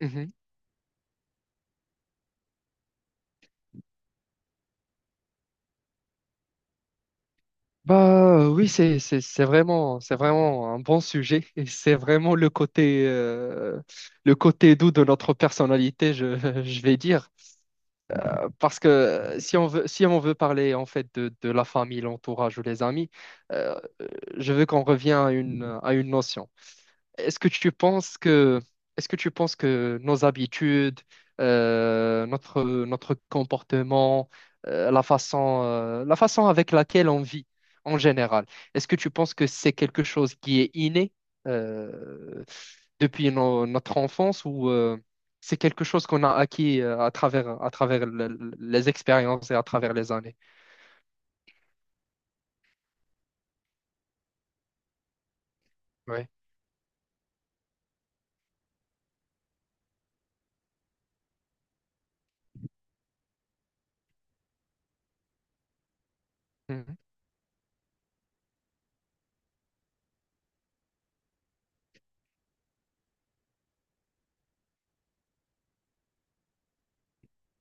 Mhm. Oui, c'est vraiment c'est vraiment un bon sujet et c'est vraiment le côté doux de notre personnalité, je, je vais dire. Parce que si on veut parler en fait de la famille, l'entourage ou les amis, euh, je veux qu'on revienne à une notion. Est-ce que tu penses que, est-ce que tu penses que nos habitudes, notre, notre comportement, la façon avec laquelle on vit en général, est-ce que tu penses que c'est quelque chose qui est inné, euh, depuis notre enfance ou c'est quelque chose qu'on a acquis à travers les expériences et à travers les années? Ouais.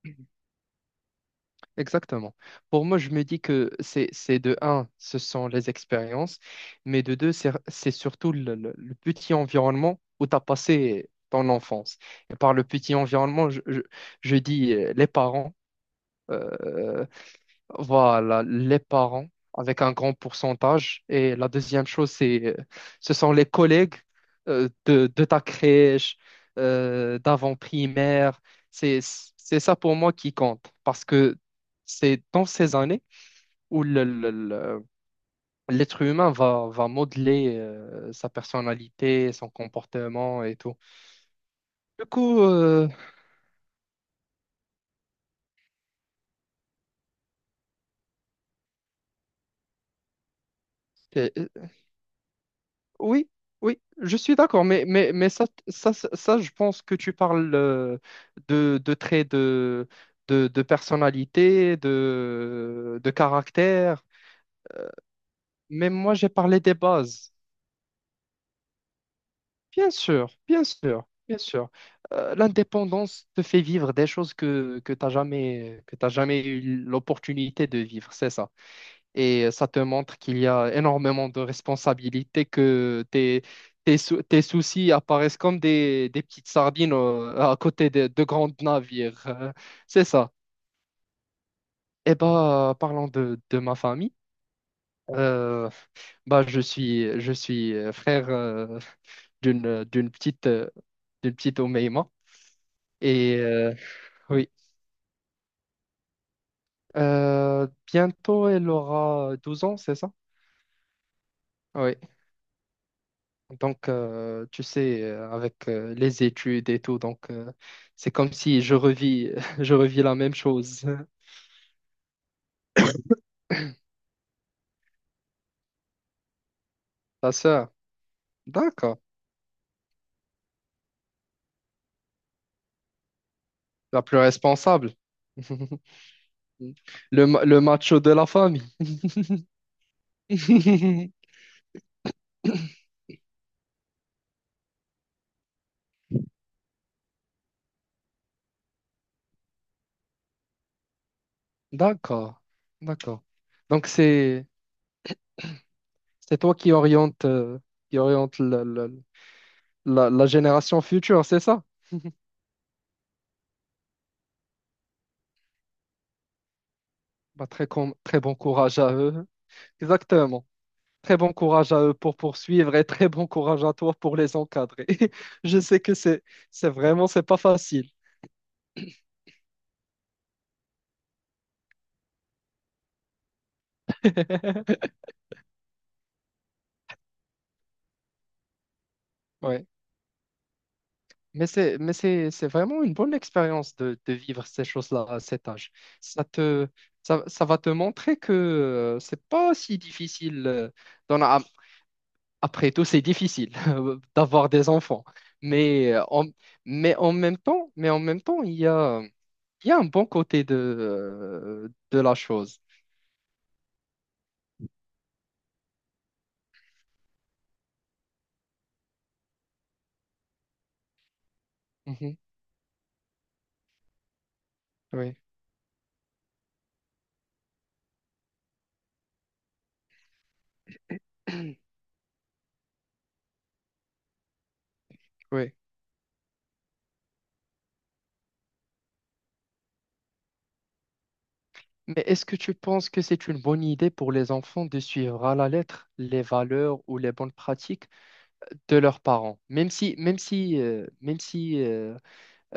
Mhm. Exactement. Pour moi, je me dis que c'est de un, ce sont les expériences, mais de deux, c'est surtout le, le petit environnement où tu as passé ton enfance. Et par le petit environnement, je dis les parents, euh, voilà, les parents avec un grand pourcentage. Et la deuxième chose, c'est ce sont les collègues de ta crèche, d'avant-primaire. C'est ça pour moi qui compte parce que c'est dans ces années où l'être humain va, va modeler sa personnalité, son comportement et tout. Du coup, euh, Oui, oui, je suis d'accord, mais ça, je pense que tu parles de traits de personnalité, de caractère. Mais moi, j'ai parlé des bases. Bien sûr, bien sûr, bien sûr. L'indépendance te fait vivre des choses que tu n'as jamais, que t'as jamais eu l'opportunité de vivre, c'est ça. Et ça te montre qu'il y a énormément de responsabilités, que tes, tes, tes soucis apparaissent comme des petites sardines à côté de grands navires. C'est ça. Et ben parlant de ma famille, euh, bah, je suis frère d'une, d'une petite Omeima. Et euh, oui, bientôt elle aura 12 ans, c'est ça? Oui. Donc, tu sais, avec les études et tout, donc c'est comme si je revis, je revis la même chose. Ta sœur, d'accord, la plus responsable, le, le macho de la famille. D'accord, d'accord. Donc c'est toi qui oriente la, la génération future, c'est ça? Bah, très bon courage à eux. Exactement. Très bon courage à eux pour poursuivre et très bon courage à toi pour les encadrer. Je sais que c'est vraiment c'est pas facile. Ouais. Mais c'est c'est vraiment une bonne expérience de vivre ces choses-là à cet âge. Ça te ça, ça va te montrer que c'est pas si difficile. D'en a- Après tout, c'est difficile d'avoir des enfants. Mais euh, en, mais en même temps, mais en même temps, il y a un bon côté de la chose. Mhm. Oui, oui. Mais est-ce que tu penses que c'est une bonne idée pour les enfants de suivre à la lettre les valeurs ou les bonnes pratiques de leurs parents? Même si, même si, même si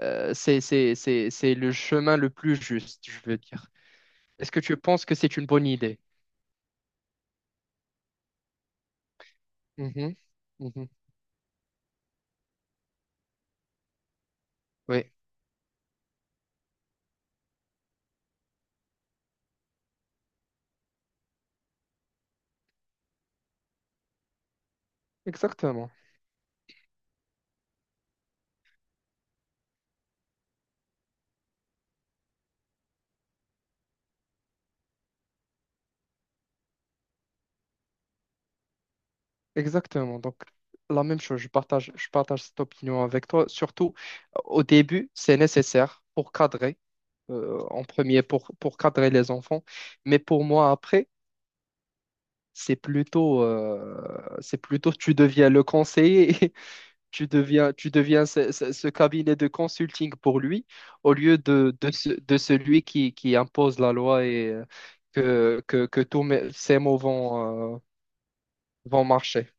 c'est, c'est le chemin le plus juste, je veux dire. Est-ce que tu penses que c'est une bonne idée? Mhm, mhm. Oui, exactement. Exactement. Donc, la même chose, je partage cette opinion avec toi. Surtout, au début, c'est nécessaire pour cadrer. En premier pour cadrer les enfants. Mais pour moi, après, c'est plutôt tu deviens le conseiller, et tu deviens ce, ce cabinet de consulting pour lui, au lieu de, de celui qui impose la loi et que ces mots vont, vont marcher.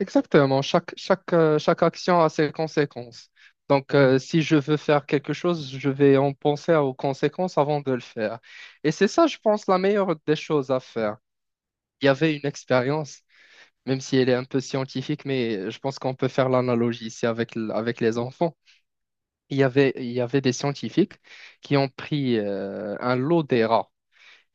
Exactement, chaque, chaque, chaque action a ses conséquences. Donc, si je veux faire quelque chose, je vais en penser aux conséquences avant de le faire. Et c'est ça, je pense, la meilleure des choses à faire. Il y avait une expérience, même si elle est un peu scientifique, mais je pense qu'on peut faire l'analogie ici avec, avec les enfants. Il y avait des scientifiques qui ont pris un lot des rats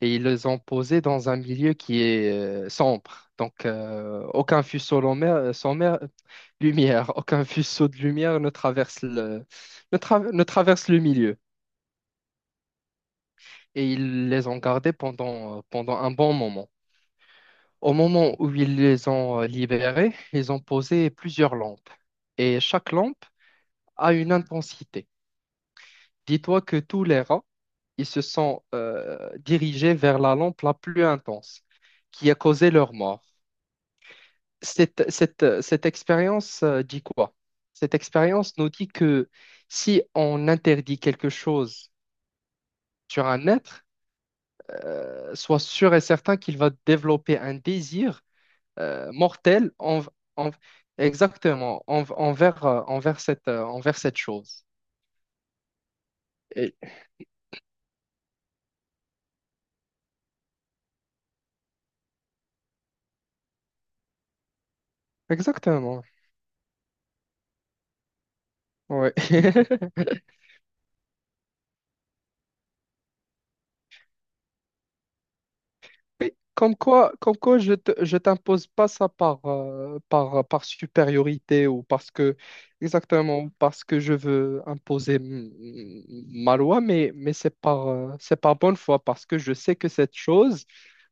et ils les ont posés dans un milieu qui est sombre. Donc, aucun faisceau lumière, sans mer- lumière, aucun faisceau de lumière ne traverse le, ne traverse le milieu. Et ils les ont gardés pendant, pendant un bon moment. Au moment où ils les ont libérés, ils ont posé plusieurs lampes. Et chaque lampe a une intensité. Dis-toi que tous les rats, ils se sont dirigés vers la lampe la plus intense, qui a causé leur mort. Cette cette expérience dit quoi? Cette expérience nous dit que si on interdit quelque chose sur un être, sois sûr et certain qu'il va développer un désir mortel en- envers, envers cette chose. Et- exactement, ouais. Comme quoi je t'impose pas ça par, par, par supériorité ou parce que, exactement, parce que je veux imposer ma loi, mais c'est par bonne foi, parce que je sais que cette chose,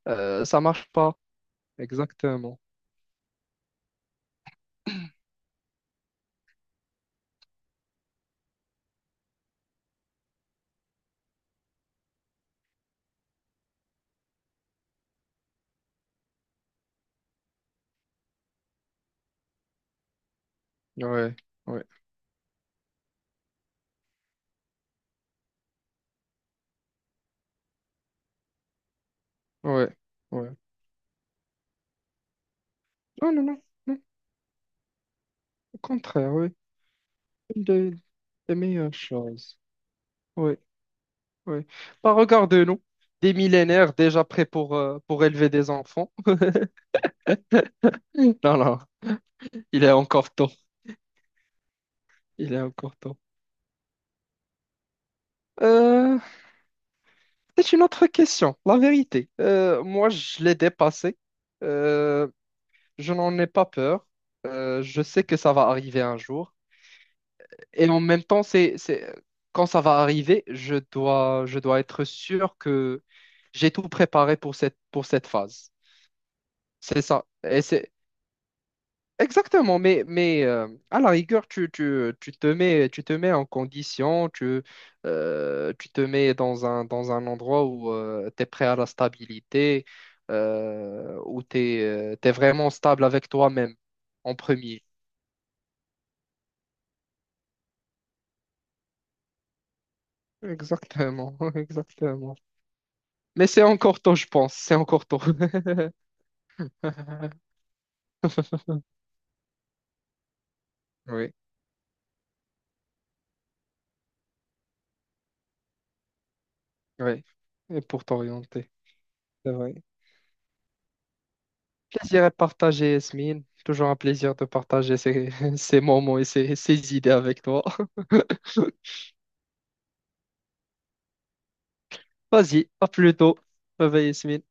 ça marche pas. Exactement. Ouais, ouais, ouais, ouais. Non, non, non, non, au contraire, oui. Une des meilleures choses. Oui, oui. Bah, regarde-nous, des millénaires déjà prêts pour élever des enfants. Non, non. Il est encore temps. Il est encore temps. Euh, c'est une autre question, la vérité. Moi, je l'ai dépassé. Euh, je n'en ai pas peur. Je sais que ça va arriver un jour. Et en même temps, c'est, quand ça va arriver, je dois être sûr que j'ai tout préparé pour cette phase. C'est ça. Exactement, mais, à la rigueur, tu, tu te mets en condition, tu, tu te mets dans un endroit où tu es prêt à la stabilité, où tu es, vraiment stable avec toi-même en premier. Exactement, exactement. Mais c'est encore tôt, je pense, c'est encore tôt. Oui, oui, et pour t'orienter, c'est vrai. Plaisir est partagé, Yasmine. Toujours un plaisir de partager ces, ces moments et ces, ces idées avec toi. Vas-y, à plus tôt. Bye bye, Yasmine.